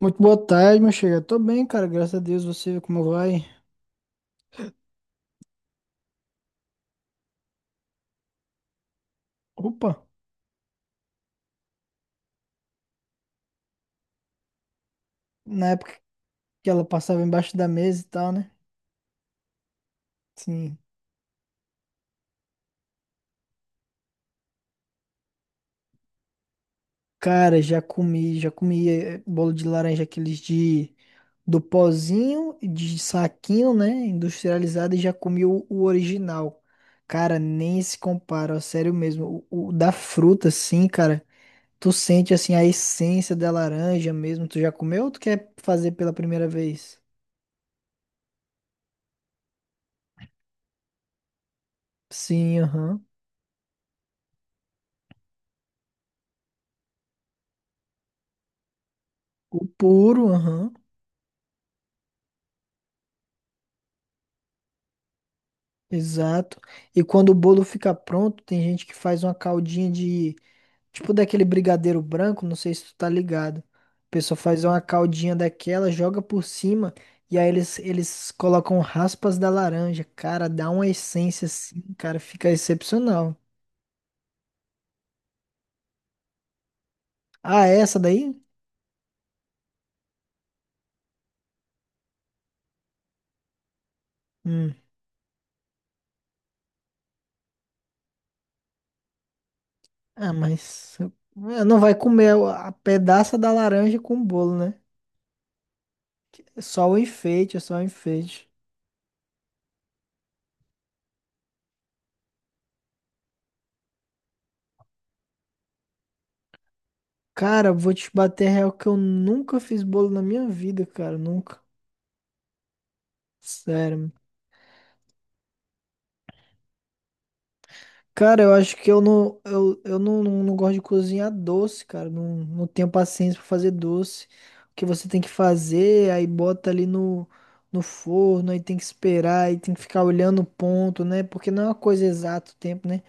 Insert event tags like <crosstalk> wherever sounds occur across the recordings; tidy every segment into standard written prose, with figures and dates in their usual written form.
Muito boa tarde, meu chega. Tô bem, cara, graças a Deus. Você, como vai? Opa! Na época que ela passava embaixo da mesa e tal, né? Sim. Cara, já comi bolo de laranja, aqueles de do pozinho, de saquinho, né? Industrializado, e já comi o original. Cara, nem se compara, ó, sério mesmo. O da fruta, sim, cara. Tu sente, assim, a essência da laranja mesmo. Tu já comeu ou tu quer fazer pela primeira vez? Sim, aham. O puro, aham, exato. E quando o bolo fica pronto, tem gente que faz uma caldinha de, tipo daquele brigadeiro branco, não sei se tu tá ligado. A pessoa faz uma caldinha daquela, joga por cima, e aí eles colocam raspas da laranja. Cara, dá uma essência assim, cara, fica excepcional. Ah, é essa daí? Hum. Ah, mas não vai comer a pedaça da laranja com o bolo, né? É só o enfeite, é só o enfeite. Cara, vou te bater real que eu nunca fiz bolo na minha vida, cara, nunca. Sério. Cara, eu acho que eu não gosto de cozinhar doce, cara. Não, não tenho paciência pra fazer doce. O que você tem que fazer, aí bota ali no forno, aí tem que esperar, aí tem que ficar olhando o ponto, né? Porque não é uma coisa exata o tempo, né?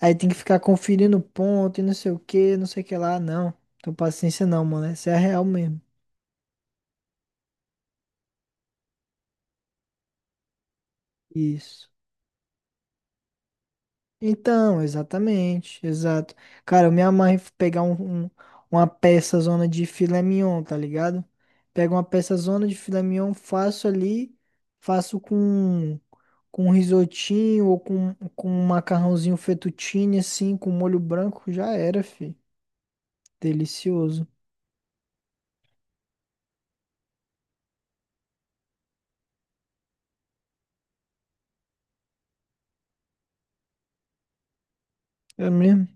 Aí tem que ficar conferindo o ponto e não sei o que, não sei o que lá. Não, tenho paciência não, mano. Essa é a real mesmo. Isso. Então, exatamente, exato. Cara, eu me amarro em pegar uma peça zona de filé mignon, tá ligado? Pego uma peça zona de filé mignon, faço ali, faço com um risotinho ou com um macarrãozinho fettuccine, assim, com molho branco, já era, fi. Delicioso. É mesmo?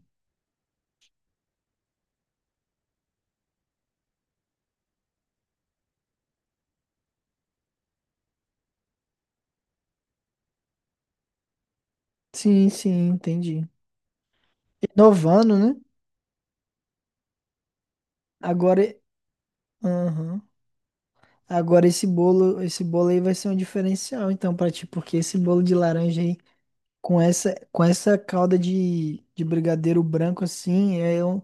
Sim, sim, entendi. Inovando, né? Agora, aham. Agora esse bolo aí vai ser um diferencial, então, pra ti, porque esse bolo de laranja aí, com com essa calda de brigadeiro branco assim, é um,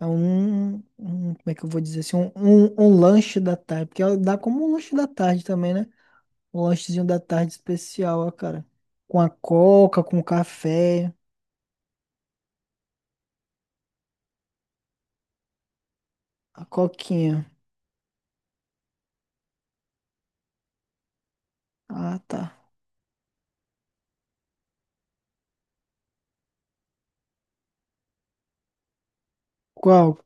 é um, como é que eu vou dizer assim, um lanche da tarde, porque ela dá como um lanche da tarde também, né? Um lanchezinho da tarde especial, ó, cara. Com a coca, com o café, a coquinha. Ah, tá. Qual?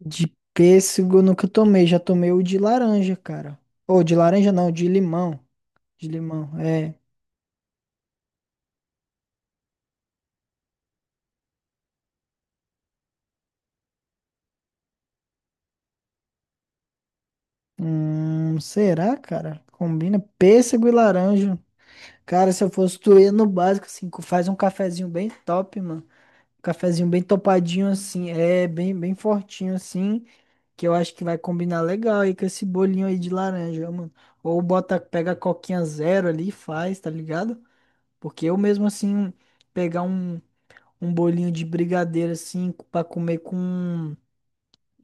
De pêssego eu nunca tomei, já tomei o de laranja, cara. Ou de laranja não, de limão. De limão, é. Será, cara? Combina pêssego e laranja. Cara, se eu fosse tu, ia no básico, assim, faz um cafezinho bem top, mano. Um cafezinho bem topadinho, assim, bem, bem fortinho, assim, que eu acho que vai combinar legal aí com esse bolinho aí de laranja, mano. Ou bota, pega a coquinha zero ali e faz, tá ligado? Porque eu mesmo, assim, pegar um bolinho de brigadeiro, assim, pra comer com um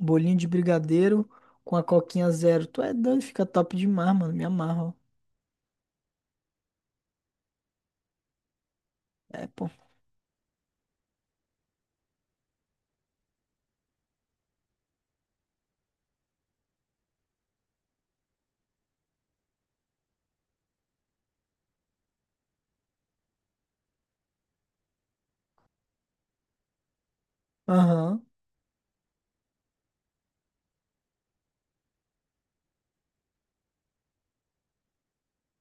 bolinho de brigadeiro com a coquinha zero. Tu é doido, fica top demais, mano, me amarro. É, pô. Aham.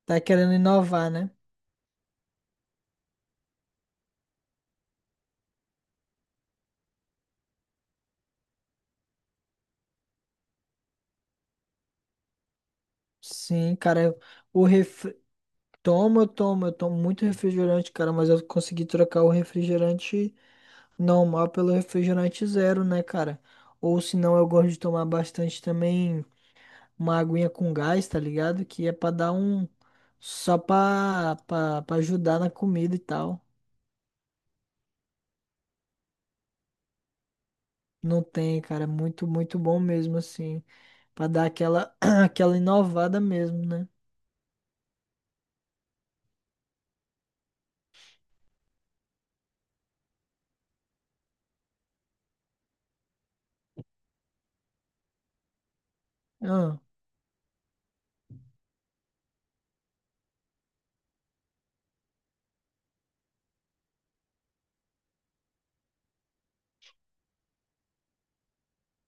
Tá querendo inovar, né? Sim, cara, o ref... toma, eu tomo muito refrigerante, cara, mas eu consegui trocar o refrigerante normal pelo refrigerante zero, né, cara? Ou se não, eu gosto de tomar bastante também uma aguinha com gás, tá ligado? Que é pra dar um. Só pra ajudar na comida e tal. Não tem, cara, é muito, muito bom mesmo, assim. Pra dar aquela, <clears throat> aquela inovada mesmo, né?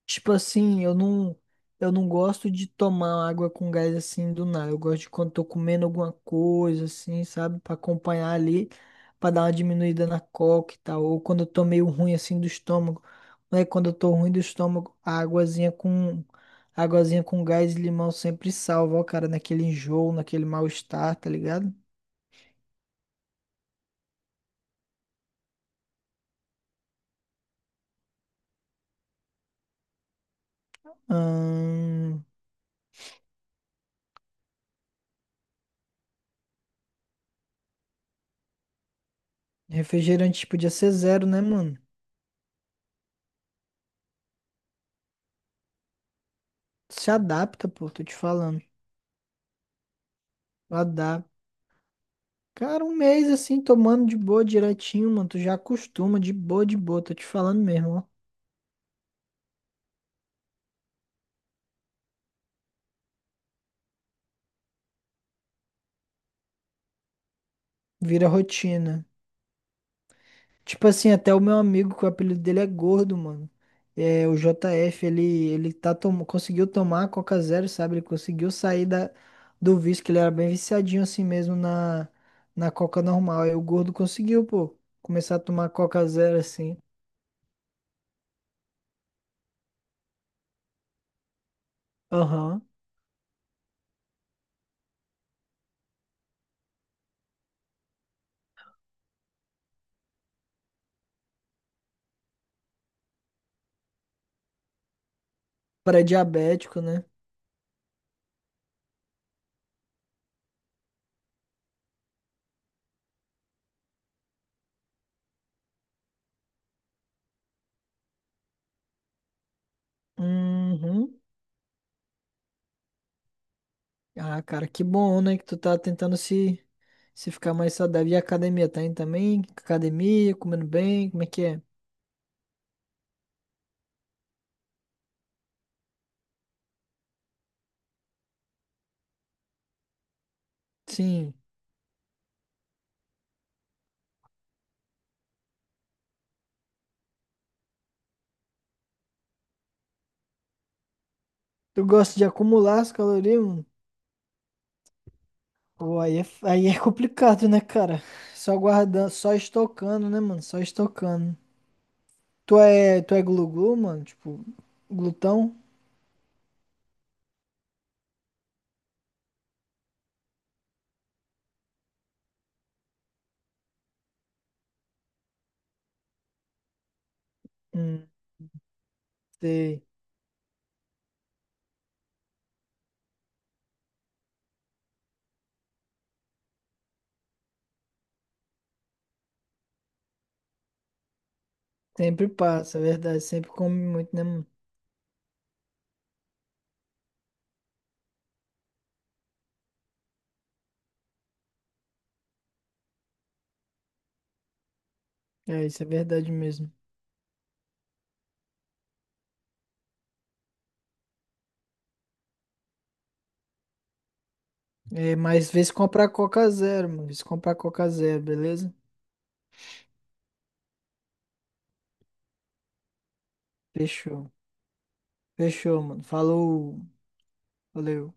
Tipo assim, eu não gosto de tomar água com gás assim do nada. Eu gosto de quando tô comendo alguma coisa assim, sabe? Pra acompanhar ali, pra dar uma diminuída na coca e tal. Ou quando eu tô meio ruim assim do estômago. Né? Quando eu tô ruim do estômago, a águazinha com gás e limão sempre salva, ó, cara, naquele enjoo, naquele mal-estar, tá ligado? Ahn, refrigerante podia ser zero, né, mano? Se adapta, pô, tô te falando. Adapta. Cara, um mês assim, tomando de boa direitinho, mano. Tu já acostuma, de boa, de boa. Tô te falando mesmo, ó. Vira rotina. Tipo assim, até o meu amigo, que o apelido dele é gordo, mano. É, o JF, ele tá tom... conseguiu tomar a Coca Zero, sabe? Ele conseguiu sair da... do vício, que ele era bem viciadinho assim mesmo na Coca normal. Aí o gordo conseguiu, pô, começar a tomar Coca Zero assim. Aham. Pré-diabético, né? Uhum. Ah, cara, que bom, né? Que tu tá tentando se, se ficar mais saudável. E a academia, tá indo também? Academia, comendo bem, como é que é? Sim. Tu gosta de acumular as calorias, mano? Pô, aí é complicado, né, cara? Só guardando, só estocando, né, mano? Só estocando. Tu é glu-glu, mano? Tipo, glutão? Hum, sei. Sempre passa, é verdade. Sempre come muito, né, mano? É, isso é verdade mesmo. É, mas vê se comprar Coca Zero, mano. Vê se comprar Coca Zero, beleza? Fechou. Fechou, mano. Falou. Valeu.